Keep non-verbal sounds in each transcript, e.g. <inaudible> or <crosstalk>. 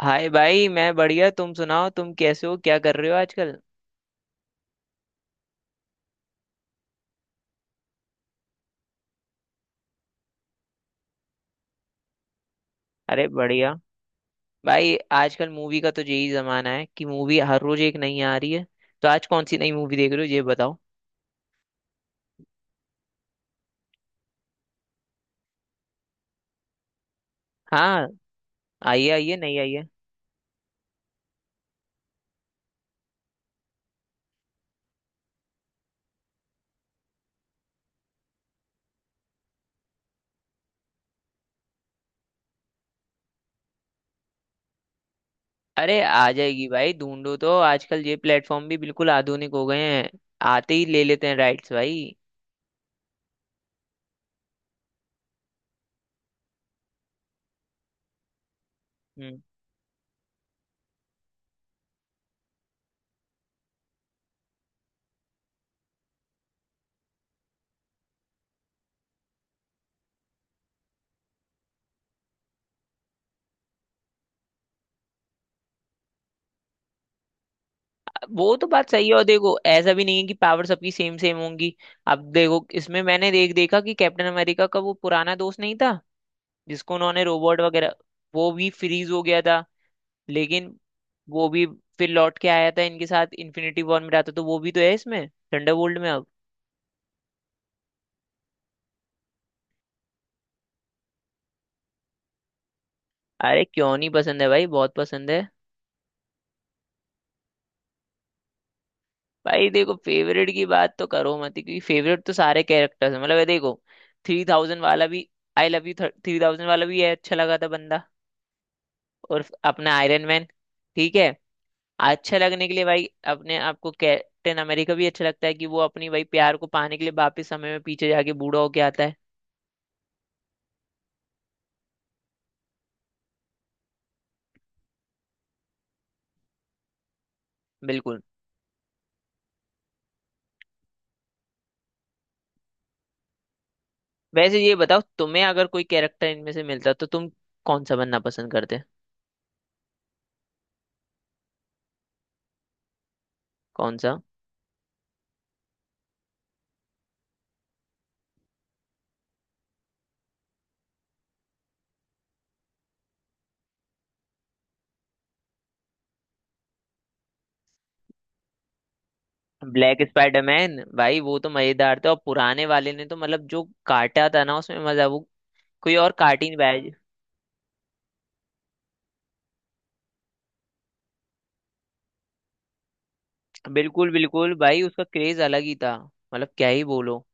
हाय भाई, मैं बढ़िया। तुम सुनाओ, तुम कैसे हो? क्या कर रहे हो आजकल? अरे बढ़िया। भाई आजकल मूवी का तो यही जमाना है कि मूवी हर रोज एक नई आ रही है। तो आज कौन सी नई मूवी देख रहे हो, ये बताओ? हाँ। आइए आइए नहीं आइए। अरे आ जाएगी भाई, ढूंढो तो। आजकल ये प्लेटफॉर्म भी बिल्कुल आधुनिक हो गए हैं। आते ही ले लेते हैं राइट्स भाई। हम्म। वो तो बात सही है। और देखो, ऐसा भी नहीं है कि पावर सबकी सेम सेम होंगी। अब देखो, इसमें मैंने देखा कि कैप्टन अमेरिका का वो पुराना दोस्त नहीं था जिसको उन्होंने रोबोट वगैरह, वो भी फ्रीज हो गया था। लेकिन वो भी फिर लौट के आया था, इनके साथ इन्फिनिटी वॉर में रहा था, तो वो भी तो है इसमें, थंडरबोल्ट में अब। अरे क्यों नहीं पसंद है भाई, बहुत पसंद है। भाई देखो, फेवरेट की बात तो करो मत ही, क्योंकि फेवरेट तो सारे कैरेक्टर्स हैं। मतलब ये देखो, 3000 वाला भी, आई लव यू 3000 वाला भी है, अच्छा लगा था बंदा। और अपना आयरन मैन, ठीक है अच्छा लगने के लिए भाई। अपने आपको कैप्टन अमेरिका भी अच्छा लगता है कि वो अपनी भाई प्यार को पाने के लिए वापस समय में पीछे जाके बूढ़ा होके आता है। बिल्कुल। वैसे ये बताओ, तुम्हें अगर कोई कैरेक्टर इनमें से मिलता तो तुम कौन सा बनना पसंद करते? कौन सा? ब्लैक स्पाइडरमैन भाई, वो तो मजेदार था। और पुराने वाले ने तो मतलब जो काटा था ना, उसमें मजा, वो कोई और काट ही नहीं पाया। बिल्कुल बिल्कुल भाई, उसका क्रेज अलग ही था। मतलब क्या ही बोलो।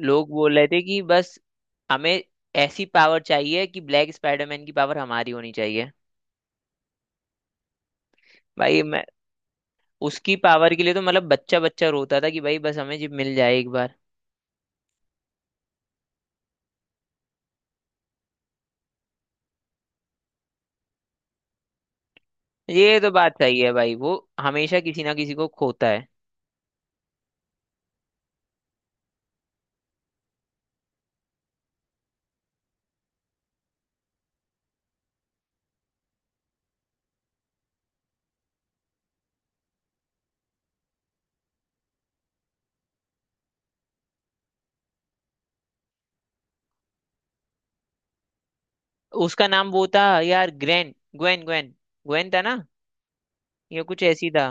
लोग बोल रहे थे कि बस हमें ऐसी पावर चाहिए कि ब्लैक स्पाइडरमैन की पावर हमारी होनी चाहिए। भाई मैं, उसकी पावर के लिए तो मतलब बच्चा बच्चा रोता था कि भाई बस हमें जी मिल जाए एक बार। ये तो बात सही है भाई, वो हमेशा किसी ना किसी को खोता है। उसका नाम वो था यार, ग्रेन, ग्वेन ग्वेन, ग्वेन था ना? ये कुछ ऐसी था।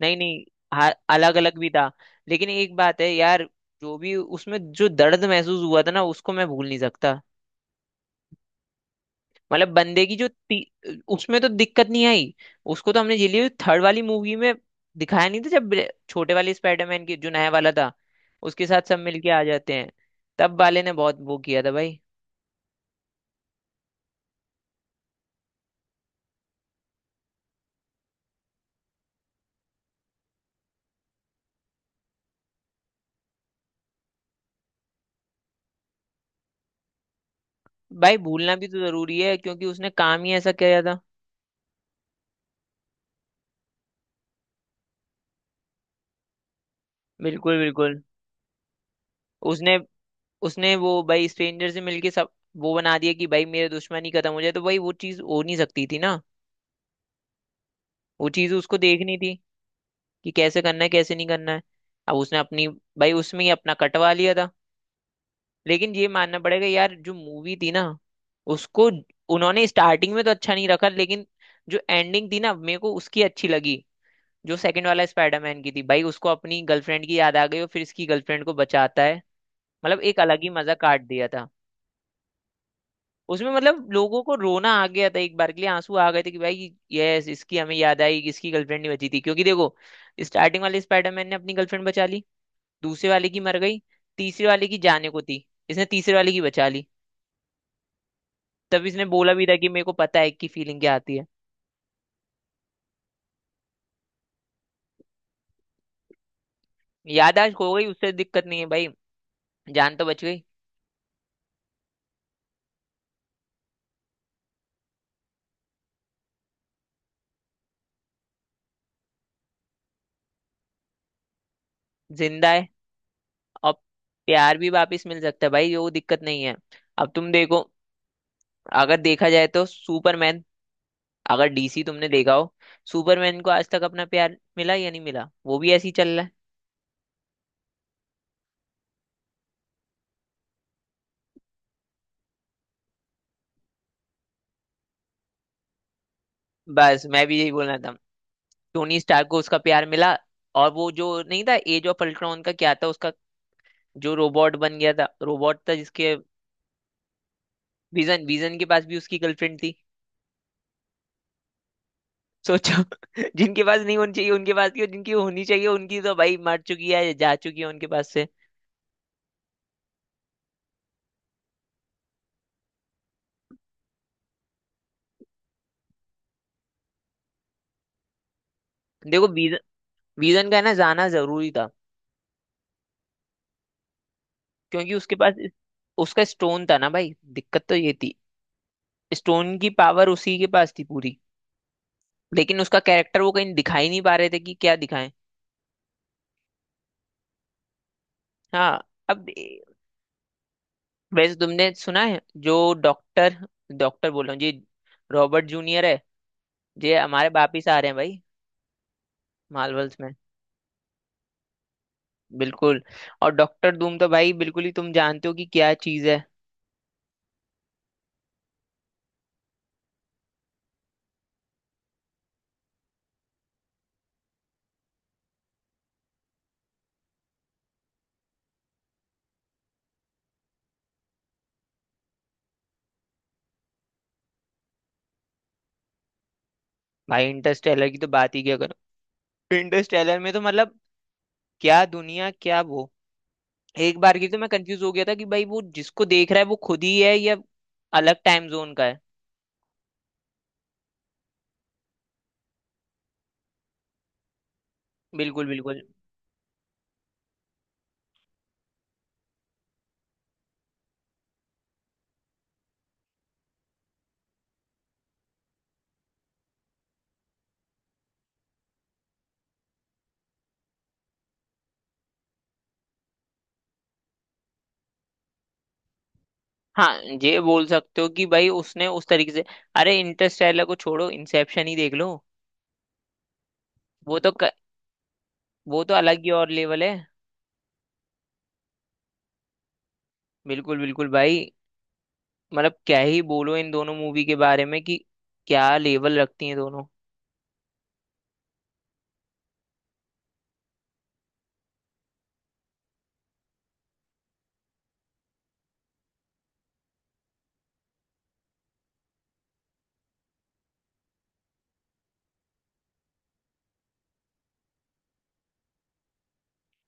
नहीं नहीं, हाँ अलग अलग भी था। लेकिन एक बात है यार, जो भी उसमें जो दर्द महसूस हुआ था ना, उसको मैं भूल नहीं सकता। मतलब बंदे की जो उसमें तो दिक्कत नहीं आई। उसको तो हमने झेली थर्ड वाली मूवी में, दिखाया नहीं था जब छोटे वाले स्पाइडरमैन की जो नया वाला था, उसके साथ सब मिलके आ जाते हैं। तब वाले ने बहुत वो किया था भाई। भाई भूलना भी तो जरूरी है, क्योंकि उसने काम ही ऐसा किया था। बिल्कुल बिल्कुल। उसने उसने वो भाई स्ट्रेंजर से मिलके सब वो बना दिया कि भाई मेरे दुश्मनी खत्म हो जाए, तो भाई वो चीज हो नहीं सकती थी ना। वो चीज उसको देखनी थी कि कैसे करना है कैसे नहीं करना है। अब उसने अपनी, भाई उसमें ही अपना कटवा लिया था। लेकिन ये मानना पड़ेगा यार, जो मूवी थी ना, उसको उन्होंने स्टार्टिंग में तो अच्छा नहीं रखा, लेकिन जो एंडिंग थी ना, मेरे को उसकी अच्छी लगी। जो सेकंड वाला स्पाइडरमैन की थी भाई, उसको अपनी गर्लफ्रेंड की याद आ गई और फिर इसकी गर्लफ्रेंड को बचाता है। मतलब एक अलग ही मजा काट दिया था। उसमें मतलब लोगों को रोना आ गया था, एक बार के लिए आंसू आ गए थे कि भाई यस, इसकी हमें याद आई। इसकी गर्लफ्रेंड नहीं बची थी, क्योंकि देखो स्टार्टिंग वाले स्पाइडरमैन ने अपनी गर्लफ्रेंड बचा ली, दूसरे वाले की मर गई, तीसरे वाले की जाने को थी, इसने तीसरे वाले की बचा ली। तब इसने बोला भी था कि मेरे को पता है कि फीलिंग क्या आती है। याददाश्त खो गई, उससे दिक्कत नहीं है भाई, जान तो बच गई, जिंदा है। और प्यार भी वापस मिल सकता है भाई, वो दिक्कत नहीं है। अब तुम देखो, अगर देखा जाए तो सुपरमैन, अगर डीसी तुमने देखा हो, सुपरमैन को आज तक अपना प्यार मिला या नहीं मिला, वो भी ऐसे ही चल रहा है। बस मैं भी यही बोलना था। टोनी स्टार्क को उसका प्यार मिला। और वो जो नहीं था, एज ऑफ अल्ट्रॉन का क्या था उसका, जो रोबोट बन गया था, रोबोट था जिसके, विजन, विजन के पास भी उसकी गर्लफ्रेंड थी। सोचो, <laughs> जिनके पास नहीं होनी चाहिए उनके पास की, और जिनकी होनी चाहिए उनकी तो भाई मर चुकी है, जा चुकी है उनके पास से। देखो वीजन, वीजन का है ना जाना जरूरी था, क्योंकि उसके पास उसका स्टोन था ना भाई, दिक्कत तो ये थी। स्टोन की पावर उसी के पास थी पूरी, लेकिन उसका कैरेक्टर वो कहीं दिखा ही नहीं पा रहे थे कि क्या दिखाएं। हाँ अब वैसे तुमने सुना है, जो डॉक्टर डॉक्टर बोल रहा हूँ जी, रॉबर्ट जूनियर है, ये हमारे वापिस आ रहे हैं भाई, मार्वल्स में। बिल्कुल। और डॉक्टर धूम तो भाई बिल्कुल ही तुम जानते हो कि क्या चीज है। भाई इंटरस्टेलर की तो बात ही क्या करो। इंटरस्टेलर में तो मतलब क्या दुनिया, क्या वो। एक बार की तो मैं कंफ्यूज हो गया था कि भाई वो जिसको देख रहा है वो खुद ही है या अलग टाइम जोन का है। बिल्कुल बिल्कुल। हाँ ये बोल सकते हो कि भाई उसने उस तरीके से, अरे इंटरस्टेलर को छोड़ो, इंसेप्शन ही देख लो। वो तो वो तो अलग ही और लेवल है। बिल्कुल बिल्कुल भाई। मतलब क्या ही बोलो इन दोनों मूवी के बारे में कि क्या लेवल रखती हैं दोनों।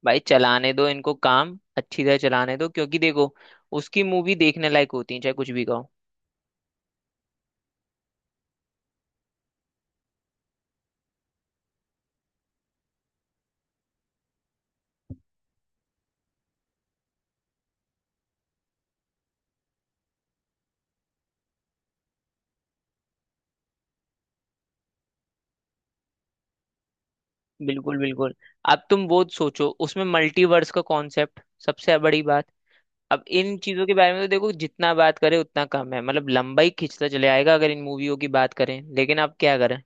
भाई चलाने दो इनको काम, अच्छी तरह चलाने दो, क्योंकि देखो उसकी मूवी देखने लायक होती है, चाहे कुछ भी कहो। बिल्कुल बिल्कुल। अब तुम वो सोचो, उसमें मल्टीवर्स का कॉन्सेप्ट, सबसे बड़ी बात। अब इन चीजों के बारे में तो देखो, जितना बात करें उतना कम है। मतलब लंबाई खिंचता चले आएगा अगर इन मूवियों की बात करें, लेकिन अब क्या करें।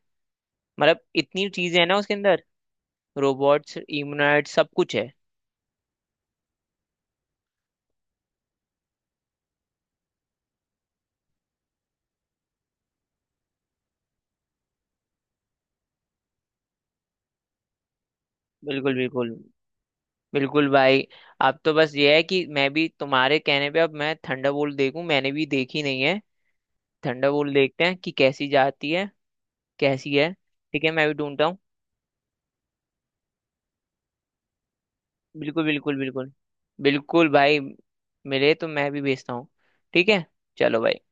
मतलब इतनी चीजें हैं ना उसके अंदर, रोबोट्स, इम्यूनॉइड, सब कुछ है। बिल्कुल बिल्कुल बिल्कुल भाई। अब तो बस ये है कि मैं भी तुम्हारे कहने पे अब मैं थंडरबोल्ट देखूं, मैंने भी देखी नहीं है। थंडरबोल्ट देखते हैं कि कैसी जाती है, कैसी है। ठीक है, मैं भी ढूंढता हूँ। बिल्कुल बिल्कुल बिल्कुल बिल्कुल भाई, मिले तो मैं भी भेजता हूँ। ठीक है, चलो भाई।